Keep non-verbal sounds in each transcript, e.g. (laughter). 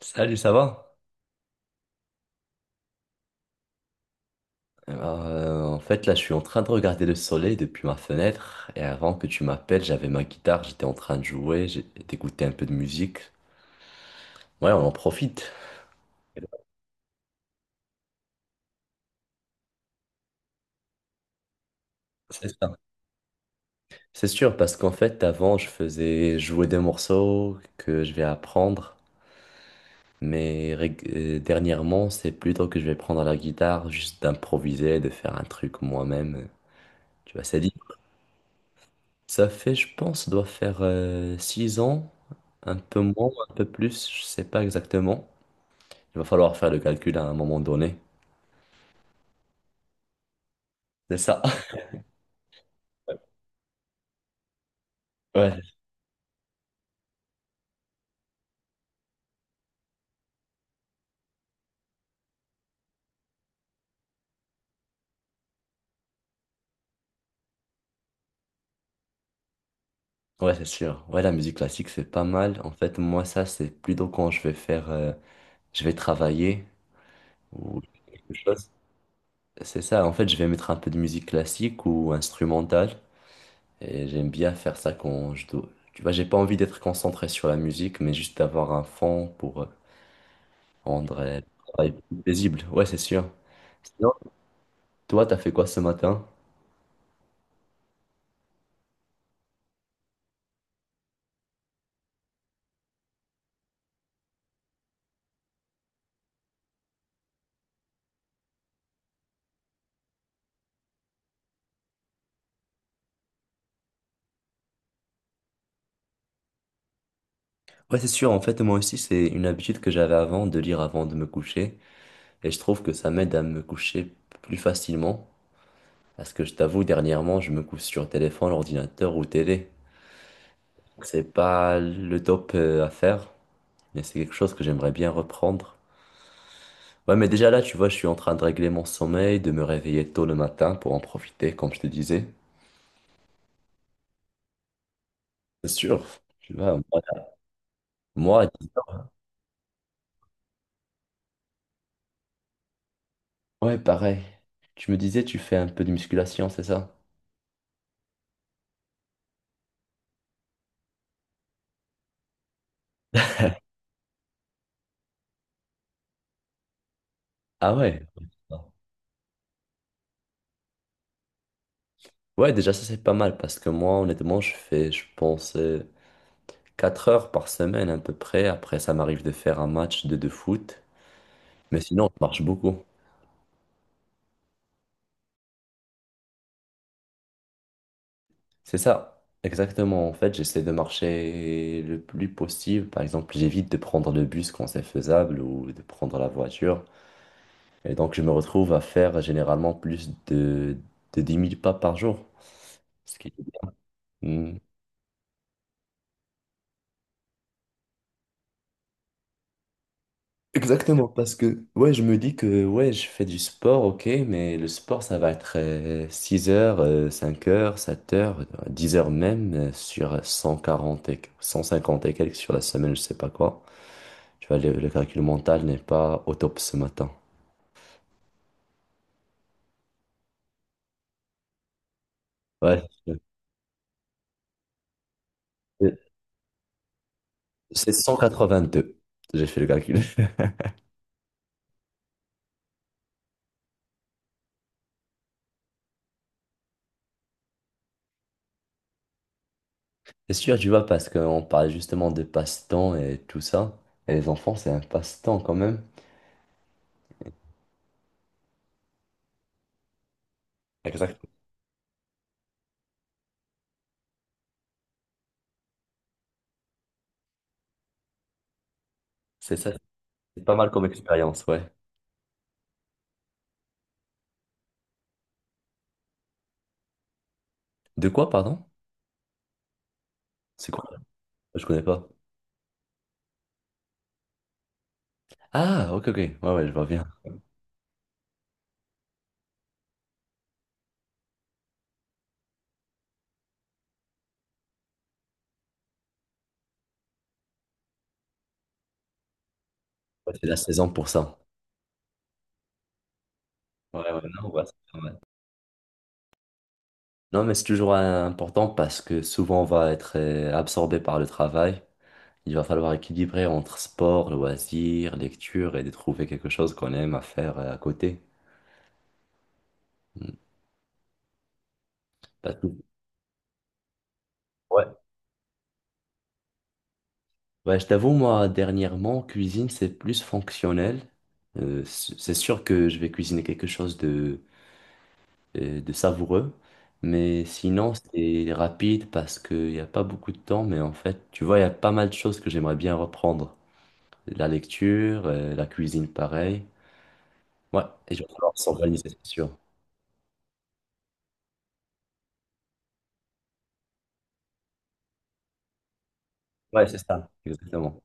Salut, ça va? Alors, là, je suis en train de regarder le soleil depuis ma fenêtre. Et avant que tu m'appelles, j'avais ma guitare, j'étais en train de jouer, d'écouter un peu de musique. Ouais, on en profite. C'est ça. C'est sûr, parce qu'en fait, avant, je faisais jouer des morceaux que je vais apprendre. Mais dernièrement, c'est plutôt que je vais prendre la guitare, juste d'improviser, de faire un truc moi-même. Tu vois, c'est. Ça fait, je pense, doit faire six ans, un peu moins, un peu plus, je sais pas exactement. Il va falloir faire le calcul à un moment donné. C'est ça. (laughs) Ouais, ouais, c'est sûr. Ouais, la musique classique, c'est pas mal. En fait, moi, ça, c'est plutôt quand je vais faire, je vais travailler ou quelque chose. C'est ça. En fait, je vais mettre un peu de musique classique ou instrumentale. Et j'aime bien faire ça quand je dois. Tu vois, j'ai pas envie d'être concentré sur la musique, mais juste d'avoir un fond pour rendrait le travail plus paisible. Ouais, c'est sûr. Sinon, toi, t'as fait quoi ce matin? Ouais, c'est sûr. En fait, moi aussi, c'est une habitude que j'avais avant de lire avant de me coucher. Et je trouve que ça m'aide à me coucher plus facilement. Parce que je t'avoue, dernièrement, je me couche sur téléphone, ordinateur ou télé. C'est pas le top à faire, mais c'est quelque chose que j'aimerais bien reprendre. Ouais, mais déjà là, tu vois, je suis en train de régler mon sommeil, de me réveiller tôt le matin pour en profiter, comme je te disais. C'est sûr. Tu vois, moi, ouais, pareil. Tu me disais, tu fais un peu de musculation, c'est ça? Ah ouais. Ouais, déjà, ça, c'est pas mal parce que moi, honnêtement, je fais, je pense, 4 heures par semaine à peu près. Après, ça m'arrive de faire un match de foot. Mais sinon, je marche beaucoup. C'est ça, exactement. En fait, j'essaie de marcher le plus possible. Par exemple, j'évite de prendre le bus quand c'est faisable ou de prendre la voiture. Et donc, je me retrouve à faire généralement plus de 10 000 pas par jour. Ce qui est bien. Hmm. Exactement, parce que ouais, je me dis que ouais, je fais du sport, ok, mais le sport, ça va être 6 heures, 5 heures, 7 heures, 10 heures même sur 140 et 150 et quelques sur la semaine, je sais pas quoi. Tu vois, le calcul mental n'est pas au top ce matin. Ouais, c'est deux J'ai fait le calcul. (laughs) C'est sûr, tu vois, parce qu'on parle justement de passe-temps et tout ça, et les enfants, c'est un passe-temps quand même. Exactement. C'est ça, c'est pas mal comme expérience, ouais. De quoi, pardon? C'est quoi? Je connais pas. Ah, ok, ok. Ouais, ouais, je vois bien. Ouais, c'est la saison pour ça. Ouais, ouais, non, ouais, c'est pas mal. Non, mais c'est toujours important parce que souvent on va être absorbé par le travail. Il va falloir équilibrer entre sport, loisirs, lecture et de trouver quelque chose qu'on aime à faire à côté. Mm. Pas tout. Ouais. Ouais, je t'avoue, moi, dernièrement, cuisine, c'est plus fonctionnel. C'est sûr que je vais cuisiner quelque chose de savoureux. Mais sinon, c'est rapide parce qu'il n'y a pas beaucoup de temps. Mais en fait, tu vois, il y a pas mal de choses que j'aimerais bien reprendre. La lecture, la cuisine, pareil. Ouais, et je vais falloir s'organiser, c'est sûr. Ouais, c'est ça, exactement.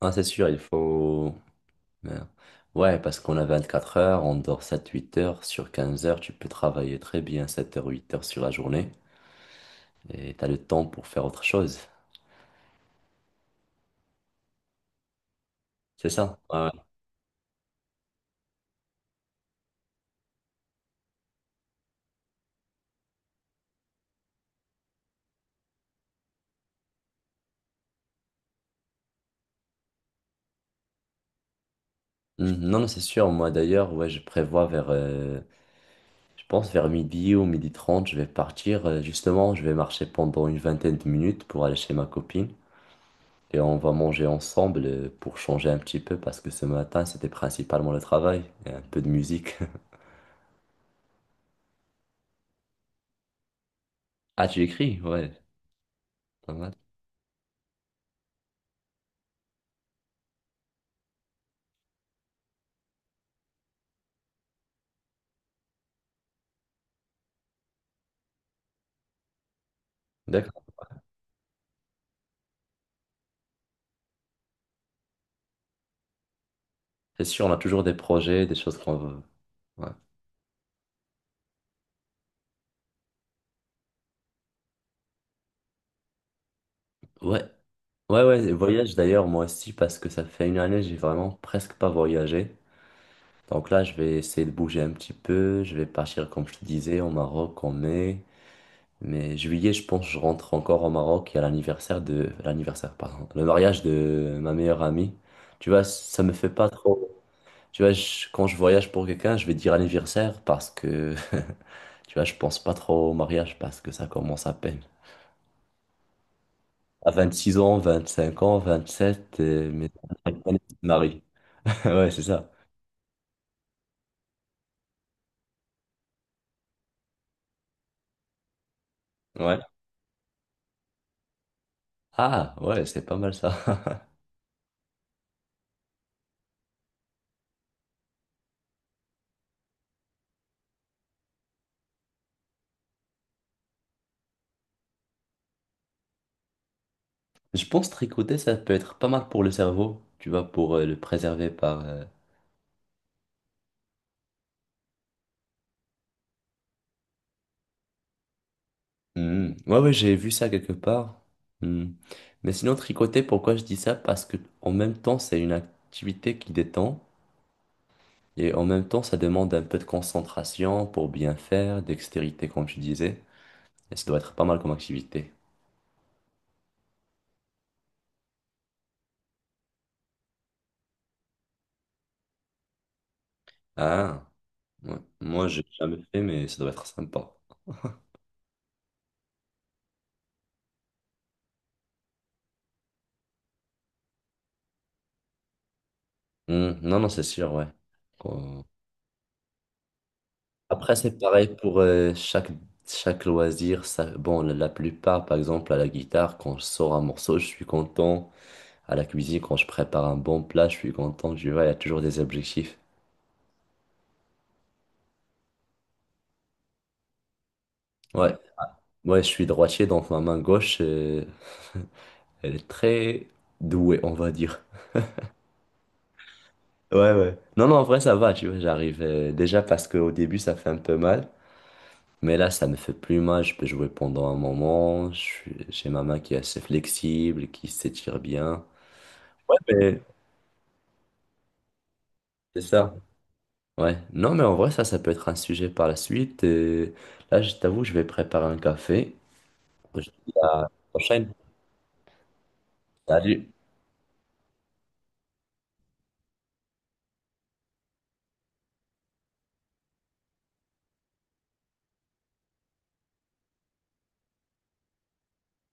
Ah, c'est sûr, il faut... Merde. Ouais, parce qu'on a 24 heures, on dort sept huit heures. Sur 15 heures, tu peux travailler très bien 7 heures, 8 heures sur la journée. Et tu as le temps pour faire autre chose. C'est ça. Ouais, ouais. Mhm. Non, non, c'est sûr. Moi, d'ailleurs, ouais, je prévois vers je pense vers midi ou midi 30, je vais partir. Justement, je vais marcher pendant une vingtaine de minutes pour aller chez ma copine et on va manger ensemble pour changer un petit peu parce que ce matin, c'était principalement le travail et un peu de musique. (laughs) Ah, tu écris? Ouais, pas mal. D'accord. C'est sûr, on a toujours des projets, des choses qu'on veut. Ouais. Ouais, ouais, et voyage d'ailleurs, moi aussi, parce que ça fait une année, j'ai vraiment presque pas voyagé. Donc là, je vais essayer de bouger un petit peu. Je vais partir, comme je te disais, au Maroc en mai. Mais juillet, je pense, je rentre encore au Maroc. Il y a l'anniversaire de... L'anniversaire, pardon. Le mariage de ma meilleure amie. Tu vois, ça me fait pas trop... Tu vois, quand je voyage pour quelqu'un, je vais dire anniversaire parce que... (laughs) Tu vois, je pense pas trop au mariage parce que ça commence à peine. À 26 ans, 25 ans, 27, mais... (laughs) Marie. (laughs) Ouais, c'est ça. Ouais. Ah, ouais, c'est pas mal ça. (laughs) Je pense tricoter, ça peut être pas mal pour le cerveau. Tu vois, pour le préserver par... Hmm. Ouais, ouais, j'ai vu ça quelque part. Hmm. Mais sinon, tricoter, pourquoi je dis ça? Parce que en même temps, c'est une activité qui détend et en même temps, ça demande un peu de concentration pour bien faire, dextérité, comme tu disais. Et ça doit être pas mal comme activité. Ah, ouais. Moi, j'ai jamais fait, mais ça doit être sympa. Hmm. Non, non, c'est sûr, ouais. Euh, Après, c'est pareil pour chaque loisir. Ça, bon, la plupart, par exemple, à la guitare, quand je sors un morceau, je suis content. À la cuisine, quand je prépare un bon plat, je suis content, tu vois, il y a toujours des objectifs. Ouais, ouais, je suis droitier, donc ma main gauche (laughs) elle est très douée, on va dire. Ouais, ouais. Non, non, en vrai, ça va, tu vois, j'arrive. Déjà parce qu'au début, ça fait un peu mal. Mais là, ça me fait plus mal. Je peux jouer pendant un moment. J'ai ma main qui est assez flexible, qui s'étire bien. Ouais, mais c'est ça. Ouais. Non, mais en vrai, ça peut être un sujet par la suite. Et là, je t'avoue, je vais préparer un café. Je te dis à la prochaine. Salut.